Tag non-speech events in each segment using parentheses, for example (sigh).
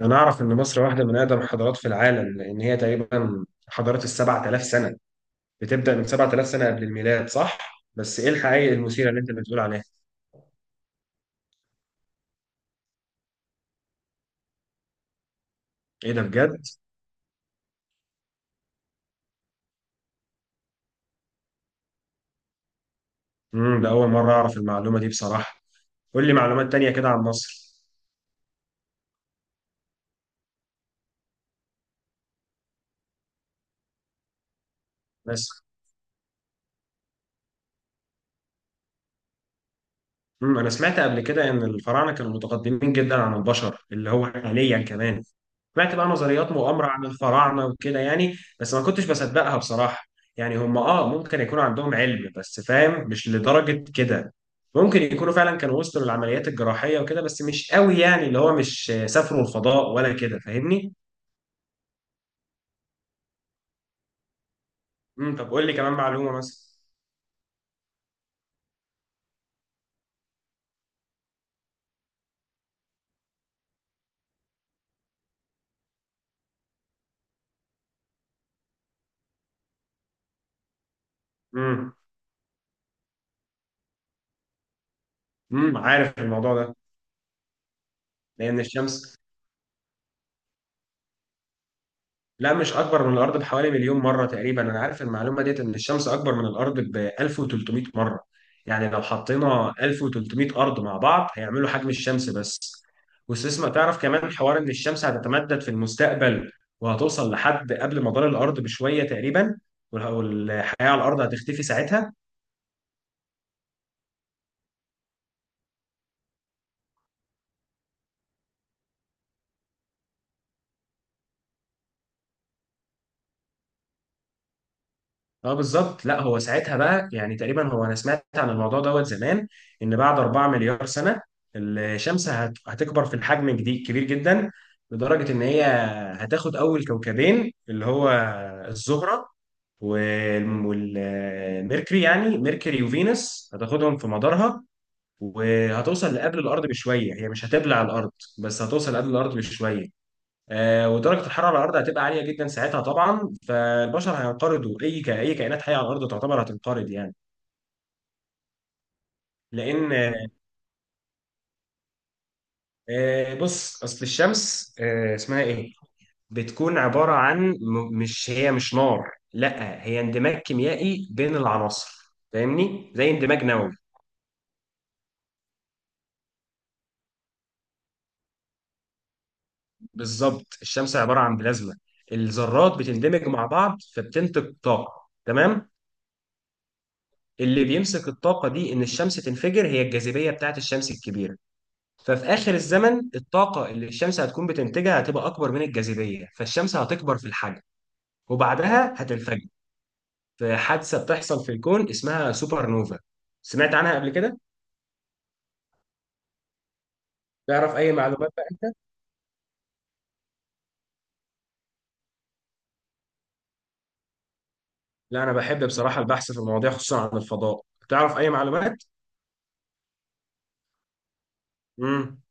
أنا أعرف إن مصر واحدة من أقدم الحضارات في العالم لأن هي تقريبا حضارة السبعة آلاف سنة بتبدأ من سبعة آلاف سنة قبل الميلاد، صح؟ بس إيه الحقائق المثيرة اللي أنت بتقول عليها؟ إيه ده بجد؟ ده أول مرة أعرف المعلومة دي بصراحة. قول لي معلومات تانية كده عن مصر. بس انا سمعت قبل كده ان الفراعنه كانوا متقدمين جدا عن البشر اللي هو حاليا كمان. سمعت بقى نظريات مؤامره عن الفراعنه وكده يعني، بس ما كنتش بصدقها بصراحه. يعني هم ممكن يكون عندهم علم بس فاهم، مش لدرجه كده. ممكن يكونوا فعلا كانوا وصلوا للعمليات الجراحيه وكده، بس مش قوي، يعني اللي هو مش سافروا الفضاء ولا كده، فاهمني. طب قول لي كمان معلومه مثلا. امم عارف الموضوع ده. لان الشمس لا، مش اكبر من الارض بحوالي مليون مره. تقريبا انا عارف المعلومه ديت، ان الشمس اكبر من الارض ب 1300 مره. يعني لو حطينا 1300 ارض مع بعض هيعملوا حجم الشمس بس. واستسمع، تعرف كمان حوار ان الشمس هتتمدد في المستقبل، وهتوصل لحد قبل مدار الارض بشويه تقريبا، والحياه على الارض هتختفي ساعتها. اه بالظبط. لا هو ساعتها بقى، يعني تقريبا هو انا سمعت عن الموضوع دوت زمان، ان بعد 4 مليار سنه الشمس هتكبر في الحجم جديد كبير جدا، لدرجه ان هي هتاخد اول كوكبين، اللي هو الزهره والميركوري، يعني ميركوري وفينوس هتاخدهم في مدارها، وهتوصل لقبل الارض بشويه. هي مش هتبلع الارض، بس هتوصل قبل الارض بشويه. ودرجه الحراره على الارض هتبقى عاليه جدا ساعتها طبعا، فالبشر هينقرضوا، اي كائنات حيه على الارض تعتبر هتنقرض يعني. لان آه، بص، اصل الشمس، اسمها ايه، بتكون عباره عن مش هي مش نار، لا هي اندماج كيميائي بين العناصر، فاهمني، زي اندماج نووي. بالظبط، الشمس عباره عن بلازما. الذرات بتندمج مع بعض فبتنتج طاقه، تمام. اللي بيمسك الطاقه دي ان الشمس تنفجر، هي الجاذبيه بتاعت الشمس الكبيره. ففي آخر الزمن الطاقة اللي الشمس هتكون بتنتجها هتبقى أكبر من الجاذبية، فالشمس هتكبر في الحجم وبعدها هتنفجر، في حادثة بتحصل في الكون اسمها سوبر نوفا. سمعت عنها قبل كده؟ تعرف أي معلومات بقى؟ لا، أنا بحب بصراحة البحث في المواضيع، خصوصا عن الفضاء. تعرف أي معلومات؟ امم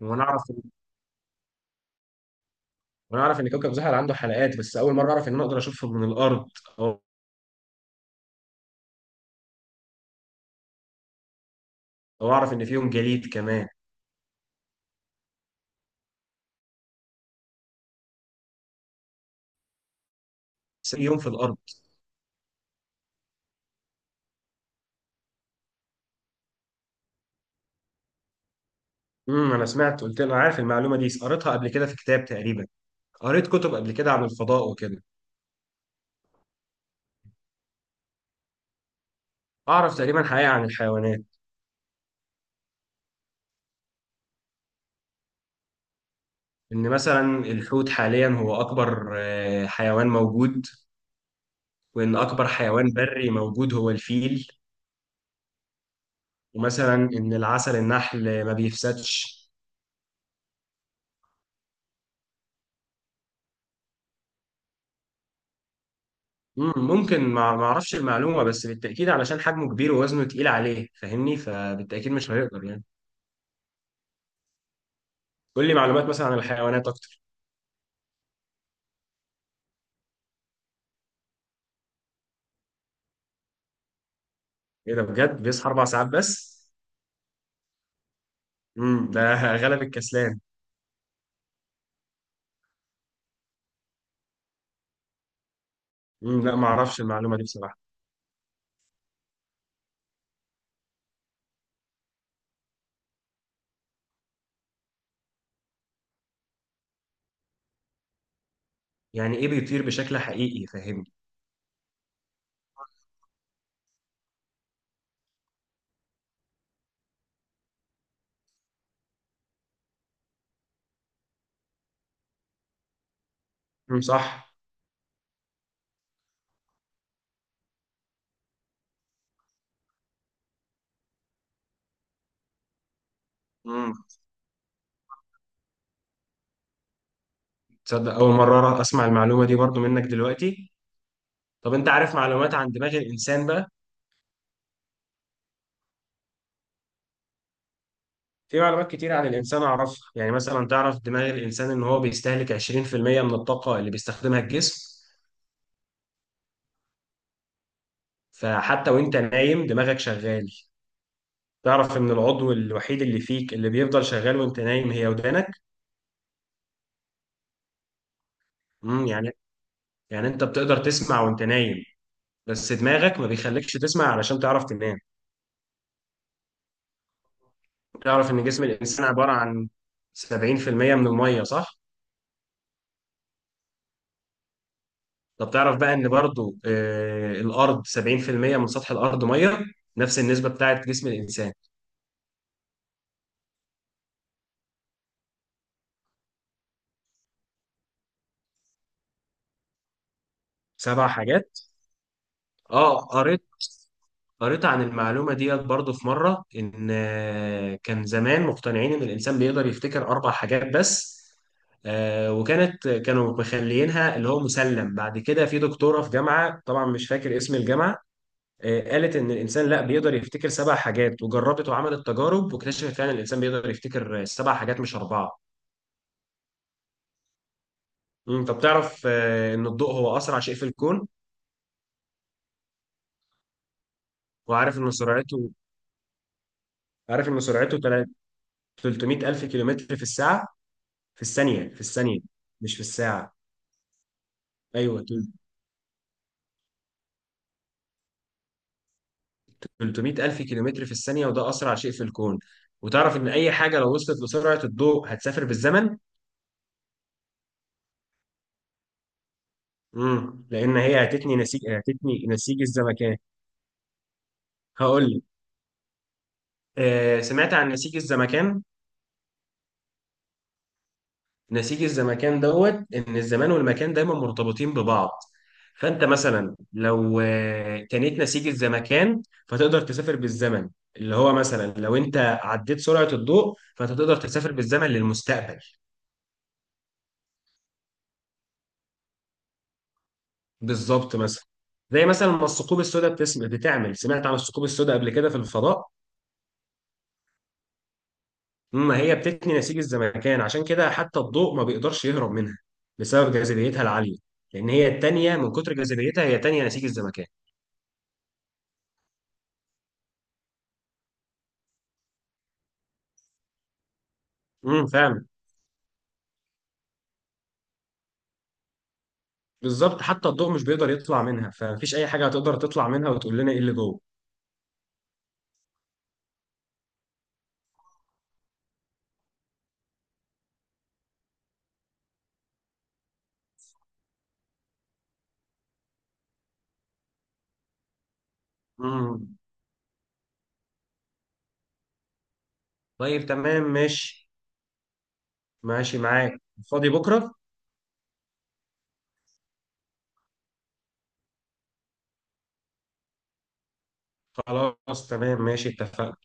وأنا أعرف وأنا أعرف إن كوكب زحل عنده حلقات، بس أول مرة أعرف إن أنا أقدر أشوفه من الأرض. أو أو أعرف إن فيهم جليد كمان، بس يوم في الأرض. أنا سمعت، قلت أنا عارف المعلومة دي، قريتها قبل كده في كتاب تقريبا. قريت كتب قبل كده عن الفضاء وكده. أعرف تقريبا حقيقة عن الحيوانات. إن مثلا الحوت حاليا هو أكبر حيوان موجود، وإن أكبر حيوان بري موجود هو الفيل، ومثلا إن العسل النحل ما بيفسدش. ممكن ما أعرفش المعلومة، بس بالتأكيد علشان حجمه كبير ووزنه تقيل عليه، فاهمني، فبالتأكيد مش هيقدر يعني. قول لي معلومات مثلا عن الحيوانات أكتر. إيه ده بجد، بيصحى أربع ساعات بس؟ ده (laughs) غلب الكسلان. لا، ما أعرفش المعلومة دي بصراحة. يعني إيه بيطير بشكل حقيقي، فاهمني. صح. امم تصدق اول مره اسمع المعلومه دي برضو منك دلوقتي. طب انت عارف معلومات عن دماغ الانسان بقى؟ في معلومات كتير عن الانسان اعرفها، يعني مثلا تعرف دماغ الانسان ان هو بيستهلك 20% من الطاقه اللي بيستخدمها الجسم، فحتى وانت نايم دماغك شغال. تعرف ان العضو الوحيد اللي فيك اللي بيفضل شغال وانت نايم هي ودانك. يعني، يعني انت بتقدر تسمع وانت نايم، بس دماغك ما بيخليكش تسمع علشان تعرف تنام. تعرف ان جسم الانسان عباره عن 70% من الميه، صح؟ طب تعرف بقى ان برضو، الارض 70% من سطح الارض ميه، نفس النسبه بتاعت جسم الانسان. سبع حاجات. اه قريت، قريت عن المعلومه ديت برضو في مره، ان كان زمان مقتنعين ان الانسان بيقدر يفتكر اربع حاجات بس، آه، وكانت كانوا مخليينها اللي هو مسلم بعد كده في دكتوره في جامعه، طبعا مش فاكر اسم الجامعه، قالت ان الانسان لا، بيقدر يفتكر سبع حاجات، وجربت وعملت تجارب واكتشفت فعلا الانسان بيقدر يفتكر سبع حاجات مش اربعه. طب تعرف ان الضوء هو اسرع شيء في الكون. وعارف ان سرعته، عارف ان سرعته تلا- 300 الف كيلومتر في الساعه، في الثانيه، في الثانيه مش في الساعه. ايوه، 300 الف كيلومتر في الثانيه، وده اسرع شيء في الكون. وتعرف ان اي حاجه لو وصلت لسرعه الضوء هتسافر بالزمن. لان هي هتتني نسيج الزمكان. هقول لك. سمعت عن نسيج الزمكان. نسيج الزمكان دوت ان الزمان والمكان دايما مرتبطين ببعض، فانت مثلا لو تنيت نسيج الزمكان فتقدر تسافر بالزمن، اللي هو مثلا لو انت عديت سرعة الضوء، فانت تقدر تسافر بالزمن للمستقبل. بالظبط، مثلا زي مثلا ما الثقوب السوداء بتعمل، سمعت عن الثقوب السوداء قبل كده في الفضاء؟ ما هي بتتني نسيج الزمكان، عشان كده حتى الضوء ما بيقدرش يهرب منها بسبب جاذبيتها العالية، لان هي التانية من كتر جاذبيتها، هي تانية نسيج الزمكان. فاهم. بالظبط، حتى الضوء مش بيقدر يطلع منها، فمفيش اي حاجه هتقدر تطلع منها وتقول لنا ايه اللي جوه. امم طيب، تمام ماشي. ماشي معاك. فاضي بكره. خلاص تمام ماشي، اتفقنا.